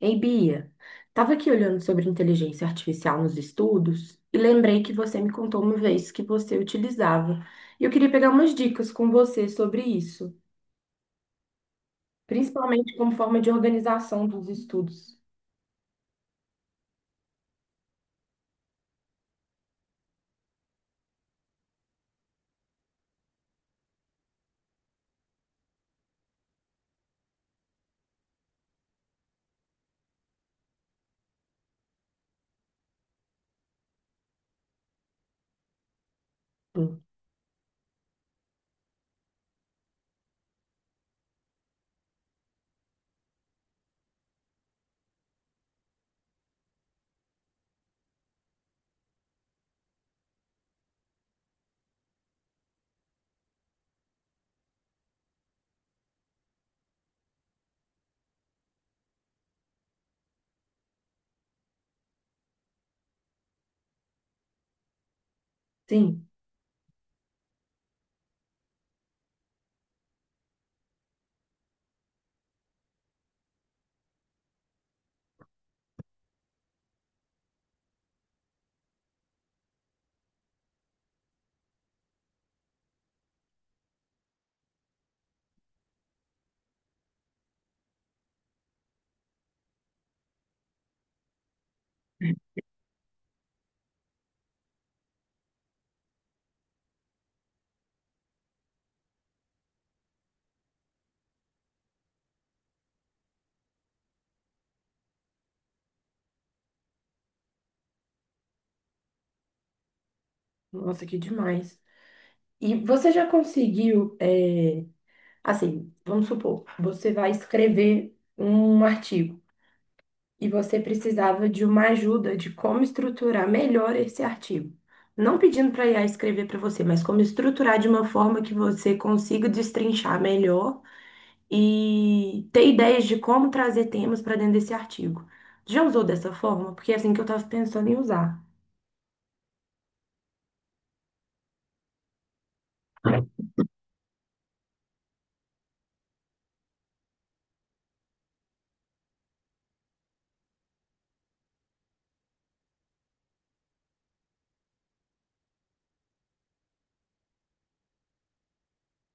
Ei, Bia, estava aqui olhando sobre inteligência artificial nos estudos e lembrei que você me contou uma vez que você utilizava. E eu queria pegar umas dicas com você sobre isso, principalmente como forma de organização dos estudos. Hum. Sim, nossa, que demais. E você já conseguiu, assim, vamos supor, você vai escrever um artigo e você precisava de uma ajuda de como estruturar melhor esse artigo. Não pedindo para a IA escrever para você, mas como estruturar de uma forma que você consiga destrinchar melhor e ter ideias de como trazer temas para dentro desse artigo. Já usou dessa forma? Porque é assim que eu estava pensando em usar.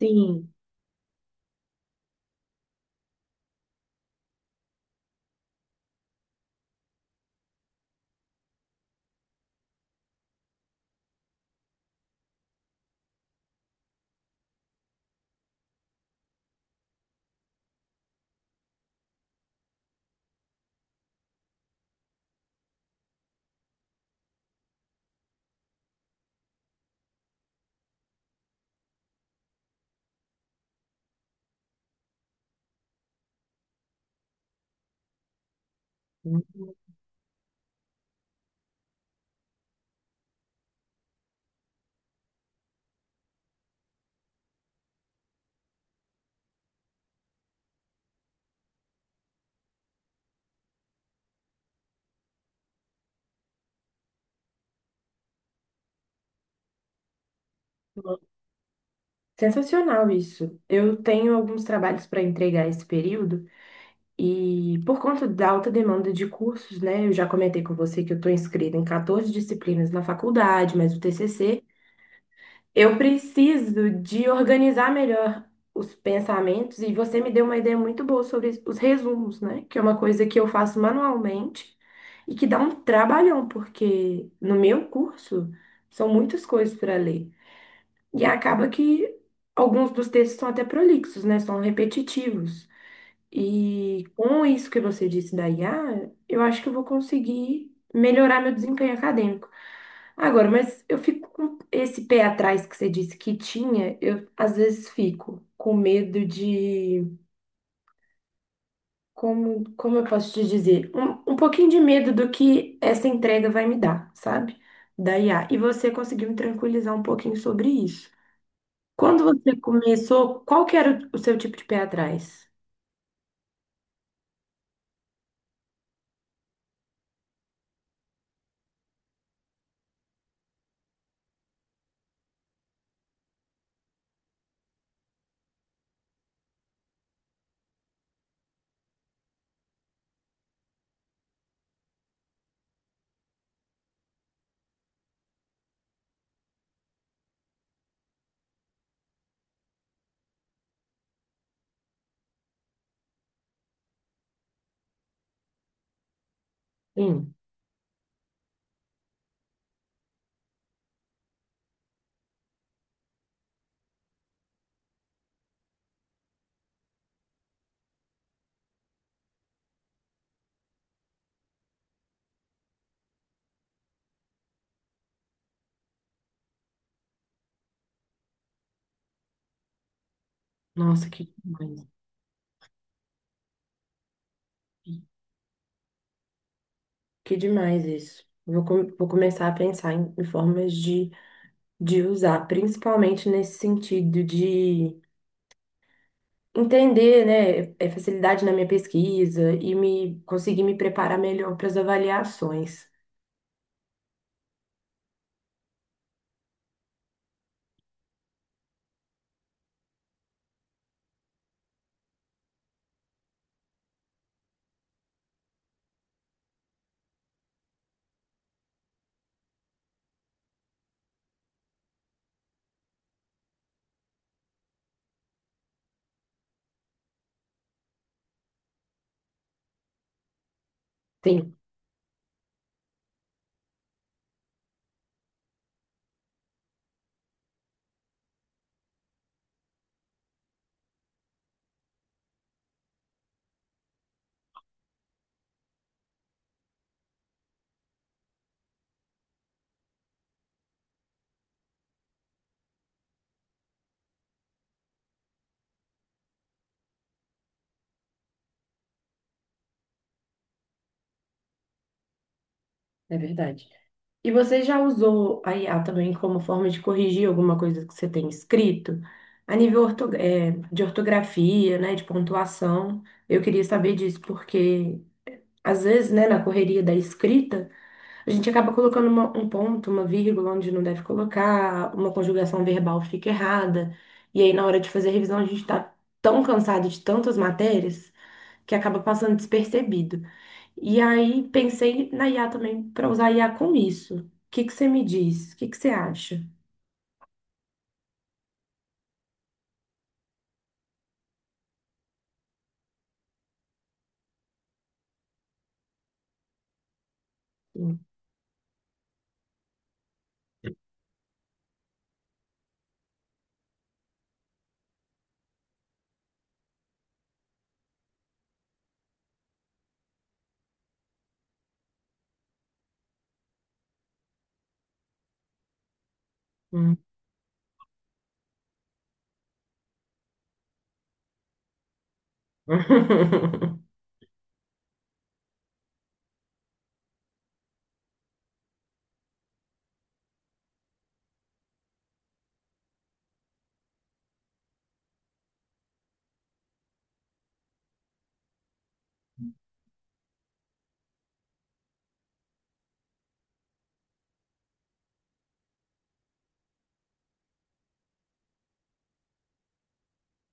Sim. Sensacional isso. Eu tenho alguns trabalhos para entregar esse período. E por conta da alta demanda de cursos, né, eu já comentei com você que eu estou inscrita em 14 disciplinas na faculdade, mas o TCC, eu preciso de organizar melhor os pensamentos, e você me deu uma ideia muito boa sobre os resumos, né, que é uma coisa que eu faço manualmente e que dá um trabalhão, porque no meu curso são muitas coisas para ler e acaba que alguns dos textos são até prolixos, né, são repetitivos. E com isso que você disse da IA, eu acho que eu vou conseguir melhorar meu desempenho acadêmico. Agora, mas eu fico com esse pé atrás que você disse que tinha, eu às vezes fico com medo de. Como, como eu posso te dizer? Um pouquinho de medo do que essa entrega vai me dar, sabe? Da IA. E você conseguiu me tranquilizar um pouquinho sobre isso. Quando você começou, qual que era o seu tipo de pé atrás? Sim. Nossa, que demais. Que demais isso. Vou começar a pensar em, em formas de usar, principalmente nesse sentido de entender, né, é facilidade na minha pesquisa e me conseguir me preparar melhor para as avaliações. Sim, é verdade. E você já usou a IA também como forma de corrigir alguma coisa que você tem escrito? A nível de ortografia, né, de pontuação. Eu queria saber disso, porque às vezes, né, na correria da escrita, a gente acaba colocando um ponto, uma vírgula onde não deve colocar, uma conjugação verbal fica errada. E aí, na hora de fazer a revisão, a gente está tão cansado de tantas matérias que acaba passando despercebido. E aí, pensei na IA também, para usar a IA com isso. O que que você me diz? O que que você acha? Hum, hum.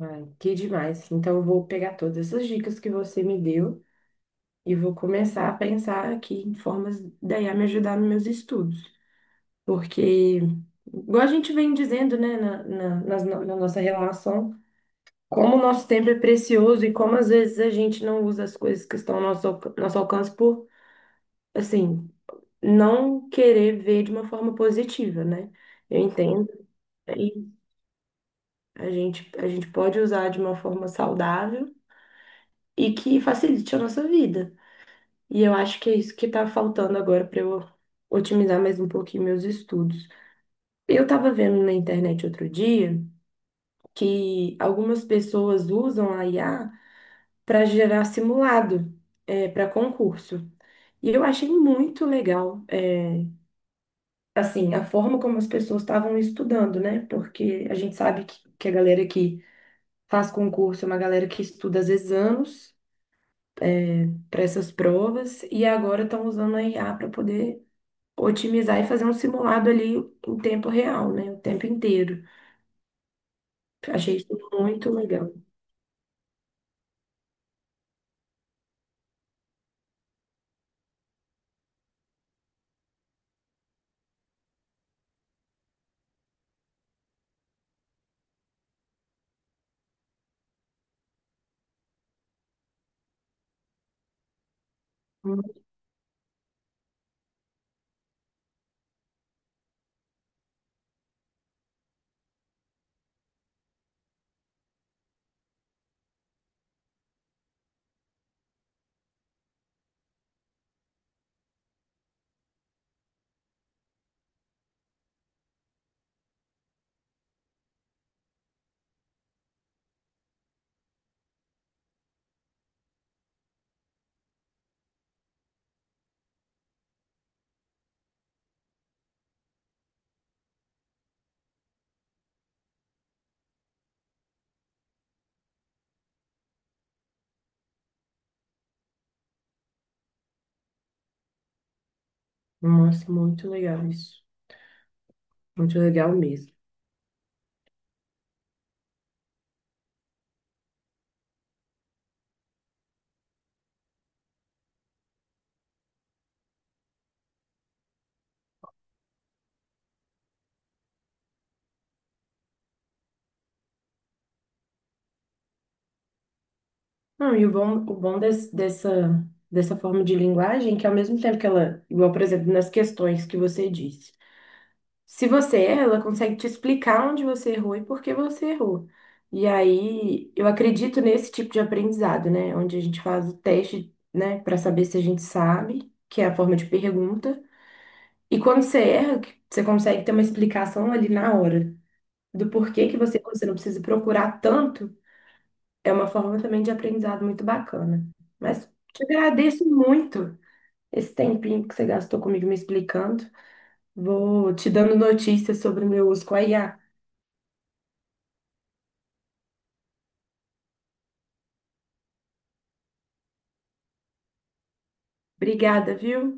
Ai, que demais. Então, eu vou pegar todas essas dicas que você me deu e vou começar a pensar aqui em formas da IA me ajudar nos meus estudos. Porque, igual a gente vem dizendo, né, na, na, nas no- na nossa relação, como o nosso tempo é precioso e como às vezes a gente não usa as coisas que estão ao nosso alcance por, assim, não querer ver de uma forma positiva, né? Eu entendo. E a gente pode usar de uma forma saudável e que facilite a nossa vida. E eu acho que é isso que está faltando agora para eu otimizar mais um pouquinho meus estudos. Eu estava vendo na internet outro dia que algumas pessoas usam a IA para gerar simulado para concurso. E eu achei muito assim, a forma como as pessoas estavam estudando, né? Porque a gente sabe que a galera que faz concurso é uma galera que estuda às vezes anos para essas provas, e agora estão usando a IA para poder otimizar e fazer um simulado ali em tempo real, né? O tempo inteiro. Achei isso muito legal. Nossa, muito legal isso. Muito legal mesmo. Não, e o bom dessa forma de linguagem é que ao mesmo tempo que ela, igual, por exemplo, nas questões que você disse, se você erra, ela consegue te explicar onde você errou e por que você errou. E aí, eu acredito nesse tipo de aprendizado, né? Onde a gente faz o teste, né, para saber se a gente sabe, que é a forma de pergunta. E quando você erra, que você consegue ter uma explicação ali na hora do porquê que você errou. Você não precisa procurar tanto. É uma forma também de aprendizado muito bacana. Mas te agradeço muito esse tempinho que você gastou comigo me explicando. Vou te dando notícias sobre o meu uso com a IA. Obrigada, viu?